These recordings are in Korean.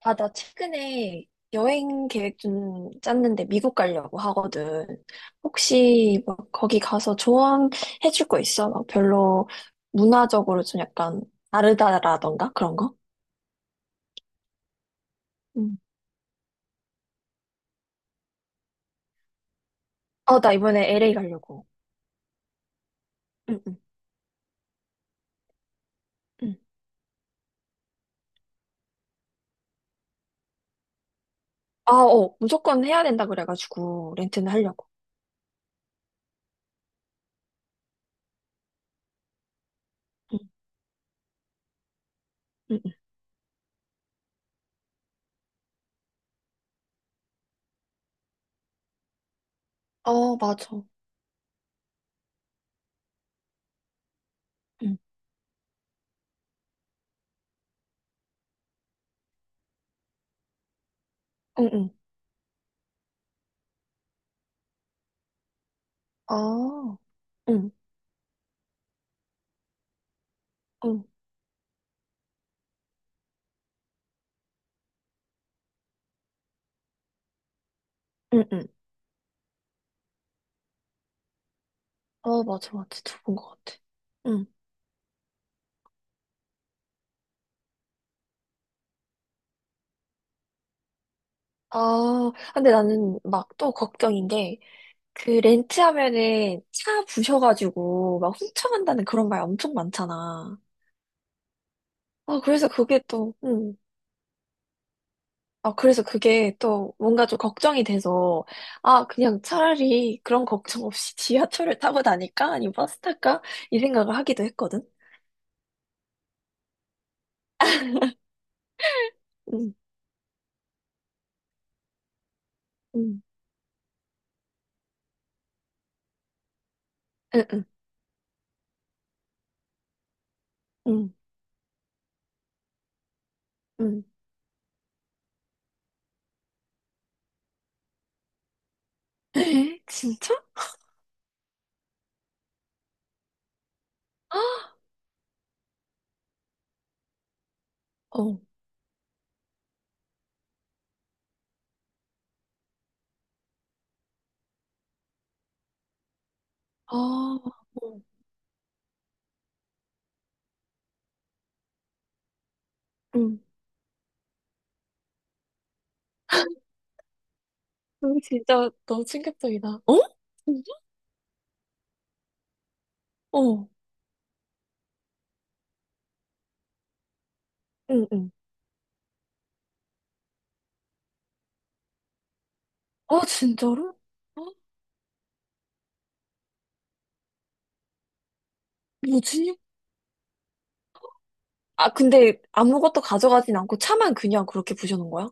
아, 나 최근에 여행 계획 좀 짰는데 미국 가려고 하거든. 혹시 막 거기 가서 조언해 줄 거 있어? 막 별로 문화적으로 좀 약간 다르다라던가 그런 거? 응. 어, 나 이번에 LA 가려고. 응, 응, 응. 아, 어, 무조건 해야 된다 그래가지고 렌트는 하려고. 응, 응, 응. 어, 맞아. 응, 응, 응. 아, 응, 응, 응, 응. 어, 맞아, 맞아. 들어본 것 같아. 아, 근데 나는 막 또 걱정인 게, 그 렌트하면은 차 부셔가지고 막 훔쳐간다는 그런 말 엄청 많잖아. 아, 그래서 그게 또, 아, 그래서 그게 또 뭔가 좀 걱정이 돼서, 아, 그냥 차라리 그런 걱정 없이 지하철을 타고 다닐까? 아니면 버스 탈까? 이 생각을 하기도 했거든. 응 응 응, 응, 응, 응. 에? 진짜? 아, 어, 아, 어, 응. 응, 진짜 너무 충격적이다. 어? 응. 어. 응, 응. 아, 진짜로? 어? 뭐지? 아, 근데 아무것도 가져가진 않고 차만 그냥 그렇게 부셔놓은 거야?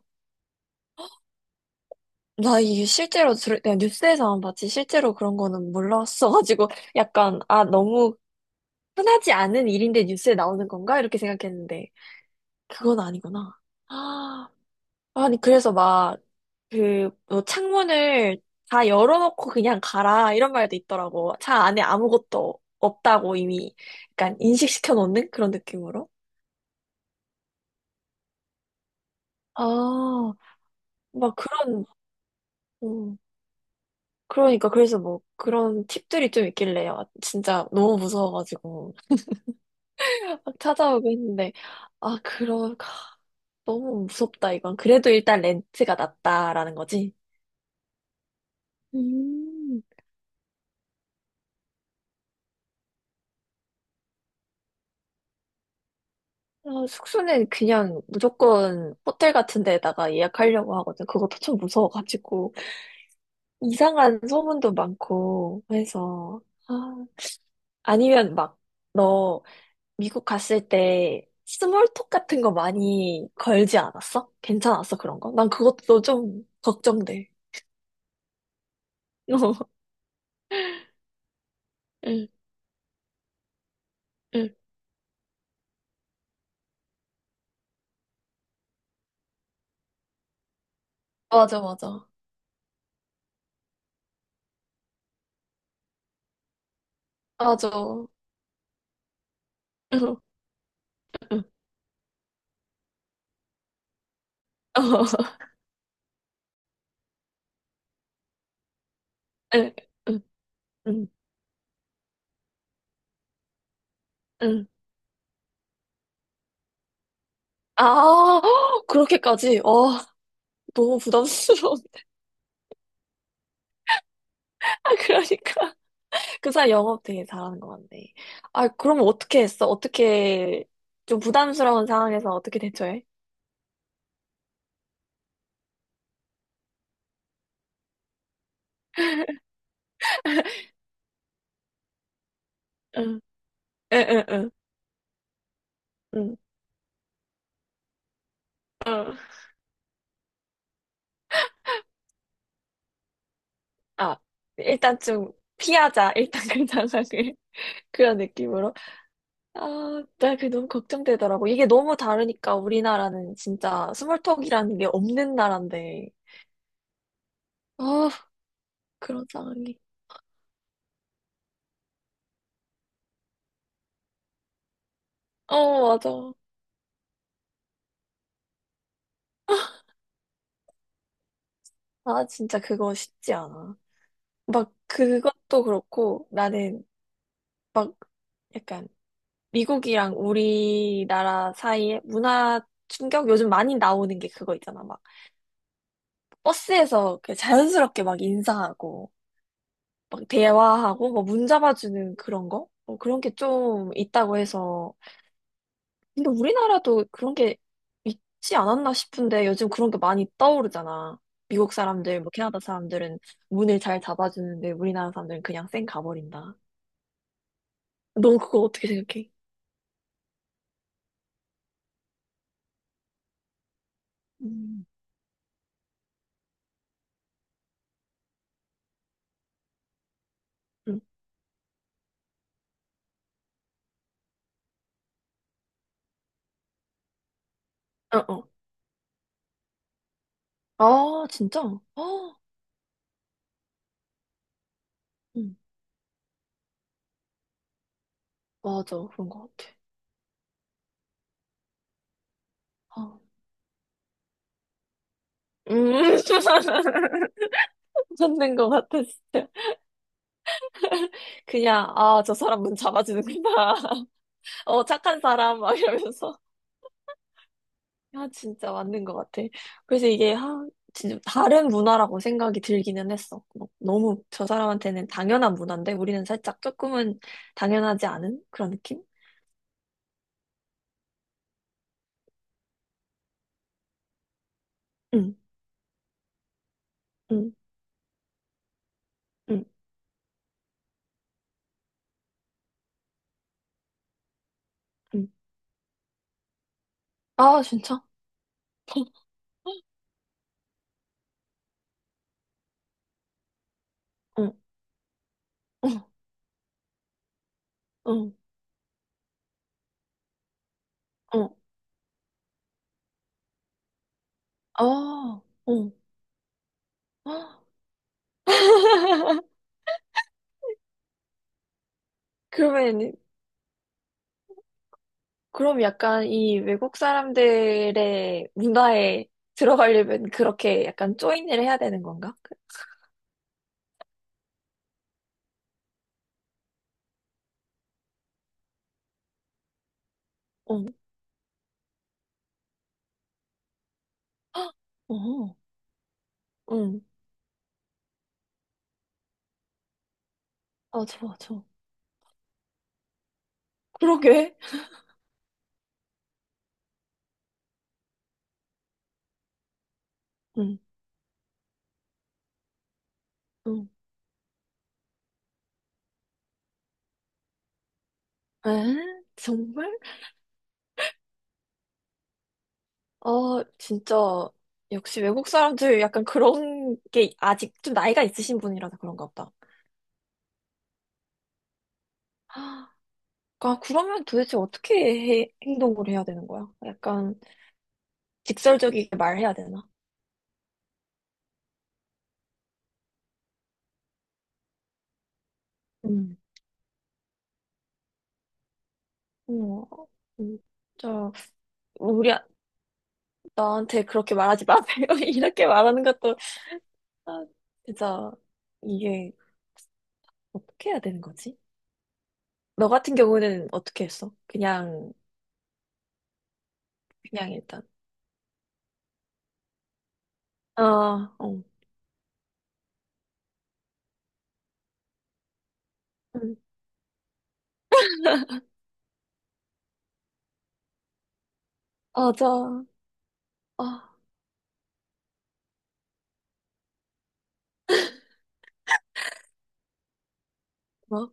나 이게 실제로 들, 내가 뉴스에서만 봤지 실제로 그런 거는 몰랐어가지고 약간 아 너무 흔하지 않은 일인데 뉴스에 나오는 건가? 이렇게 생각했는데 그건 아니구나. 아, 아니 그래서 막 그 뭐 창문을 다 열어놓고 그냥 가라 이런 말도 있더라고. 차 안에 아무것도 없다고 이미 약간 인식시켜 놓는 그런 느낌으로. 아, 막 그런, 음, 그러니까, 그래서 뭐, 그런 팁들이 좀 있길래, 요 진짜 너무 무서워가지고, 막 찾아오고 했는데, 아, 그러, 하, 너무 무섭다, 이건. 그래도 일단 렌트가 낫다라는 거지. 음, 아, 숙소는 그냥 무조건 호텔 같은 데다가 예약하려고 하거든. 그것도 참 무서워가지고, 이상한 소문도 많고 해서, 아, 아니면 막, 너, 미국 갔을 때 스몰톡 같은 거 많이 걸지 않았어? 괜찮았어, 그런 거? 난 그것도 좀 걱정돼. 응, 응. 맞아, 맞아. 맞아. 응, 응. 어, 응, 응, 응. 응. 아, 그렇게까지? 어, 너무 부담스러워. 아, 그러니까. 그 사람 영업 되게 잘하는 것 같네. 아, 그럼 어떻게 했어? 어떻게, 좀 부담스러운 상황에서 어떻게 대처해? 응, 응, 응, 응. 응. 아, 일단 좀 피하자. 일단 그 상황을. 그런 느낌으로. 아, 나 그게 너무 걱정되더라고. 이게 너무 다르니까 우리나라는 진짜 스몰톡이라는 게 없는 나라인데. 아, 그런 상황이. 어, 맞아. 아, 진짜 그거 쉽지 않아. 막 그것도 그렇고 나는 막 약간 미국이랑 우리나라 사이에 문화 충격 요즘 많이 나오는 게 그거 있잖아. 막 버스에서 그냥 자연스럽게 막 인사하고 막 대화하고 뭐 문 잡아주는 그런 거? 어, 그런 게 좀 있다고 해서. 근데 우리나라도 그런 게 있지 않았나 싶은데 요즘 그런 게 많이 떠오르잖아. 미국 사람들, 뭐 캐나다 사람들은 문을 잘 잡아주는데 우리나라 사람들은 그냥 쌩 가버린다. 넌 그거 어떻게 생각해? 음. 응. 어, 어. 아, 진짜? 어, 응. 맞아. 그런 것 같아. 아. 음. 찾는 것 같아, 진짜. 그냥, 아, 저 사람 문 잡아주는구나. 어, 착한 사람, 막 이러면서. 야, 진짜 맞는 것 같아. 그래서 이게, 하, 진짜 다른 문화라고 생각이 들기는 했어. 막 너무 저 사람한테는 당연한 문화인데, 우리는 살짝 조금은 당연하지 않은 그런 느낌? 응, 응, 응, 응. 아, 진짜? 응, 응, 응, 응. 아, 응. 헉, 그러면, 그럼 약간 이 외국 사람들의 문화에 들어가려면 그렇게 약간 조인을 해야 되는 건가? 그, 응. 헉! 어, 응. 맞아, 맞아. 그러게. 응, 응. 에? 정말? 아, 진짜. 역시 외국 사람들 약간 그런 게 아직 좀 나이가 있으신 분이라서 그런가 보다. 아, 그러면 도대체 어떻게 해- 행동을 해야 되는 거야? 약간 직설적이게 말해야 되나? 음, 어, 음, 진짜, 우리, 아- 나한테 그렇게 말하지 마세요. 이렇게 말하는 것도, 아, 진짜, 이게 어떻게 해야 되는 거지? 너 같은 경우는 어떻게 했어? 그냥, 그냥 일단. 아, 어. 음, 맞아. 아, 뭐?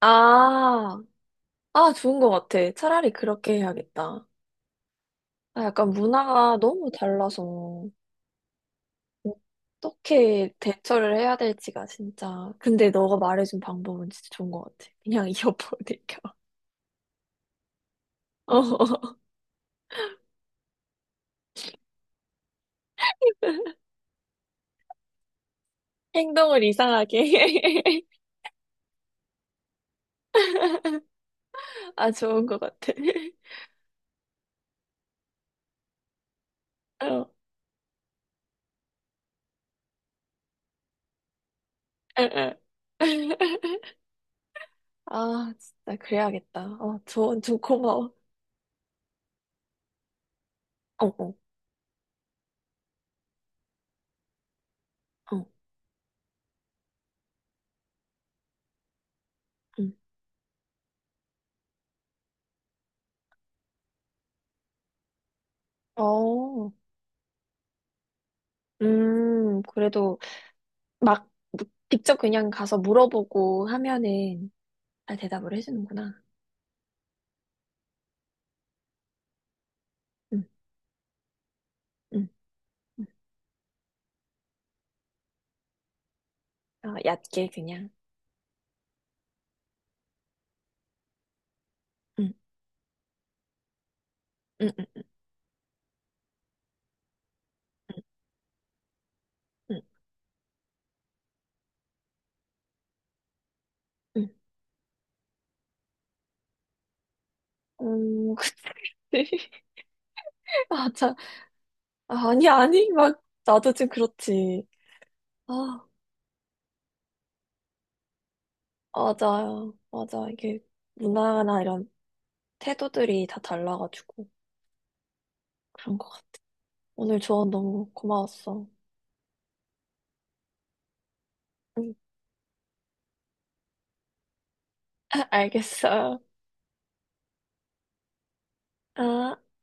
아, 아, 좋은 것 같아. 차라리 그렇게 해야겠다. 아, 약간 문화가 너무 달라서 어떻게 대처를 해야 될지가 진짜. 근데 너가 말해준 방법은 진짜 좋은 것 같아. 그냥 이어폰을 껴. 어, 행동을 이상하게. 아, 좋은 것 같아. 어, 에, 에. 아, 진짜 그래야겠다. 어, 조언 좀 고마워. 어, 어, 어, 음. 어, 그래도 막 직접 그냥 가서 물어보고 하면은 다 대답을 해주는구나. 응 응 응 아 얕게 그냥. 응 응 응 응 응 음, 그치. 아, 자 아, 아니, 아니, 막, 나도 좀 그렇지. 아, 맞아요. 맞아. 이게 문화나 이런 태도들이 다 달라가지고 그런 것 같아. 오늘 조언 너무 고마웠어. 응, 알겠어. 아.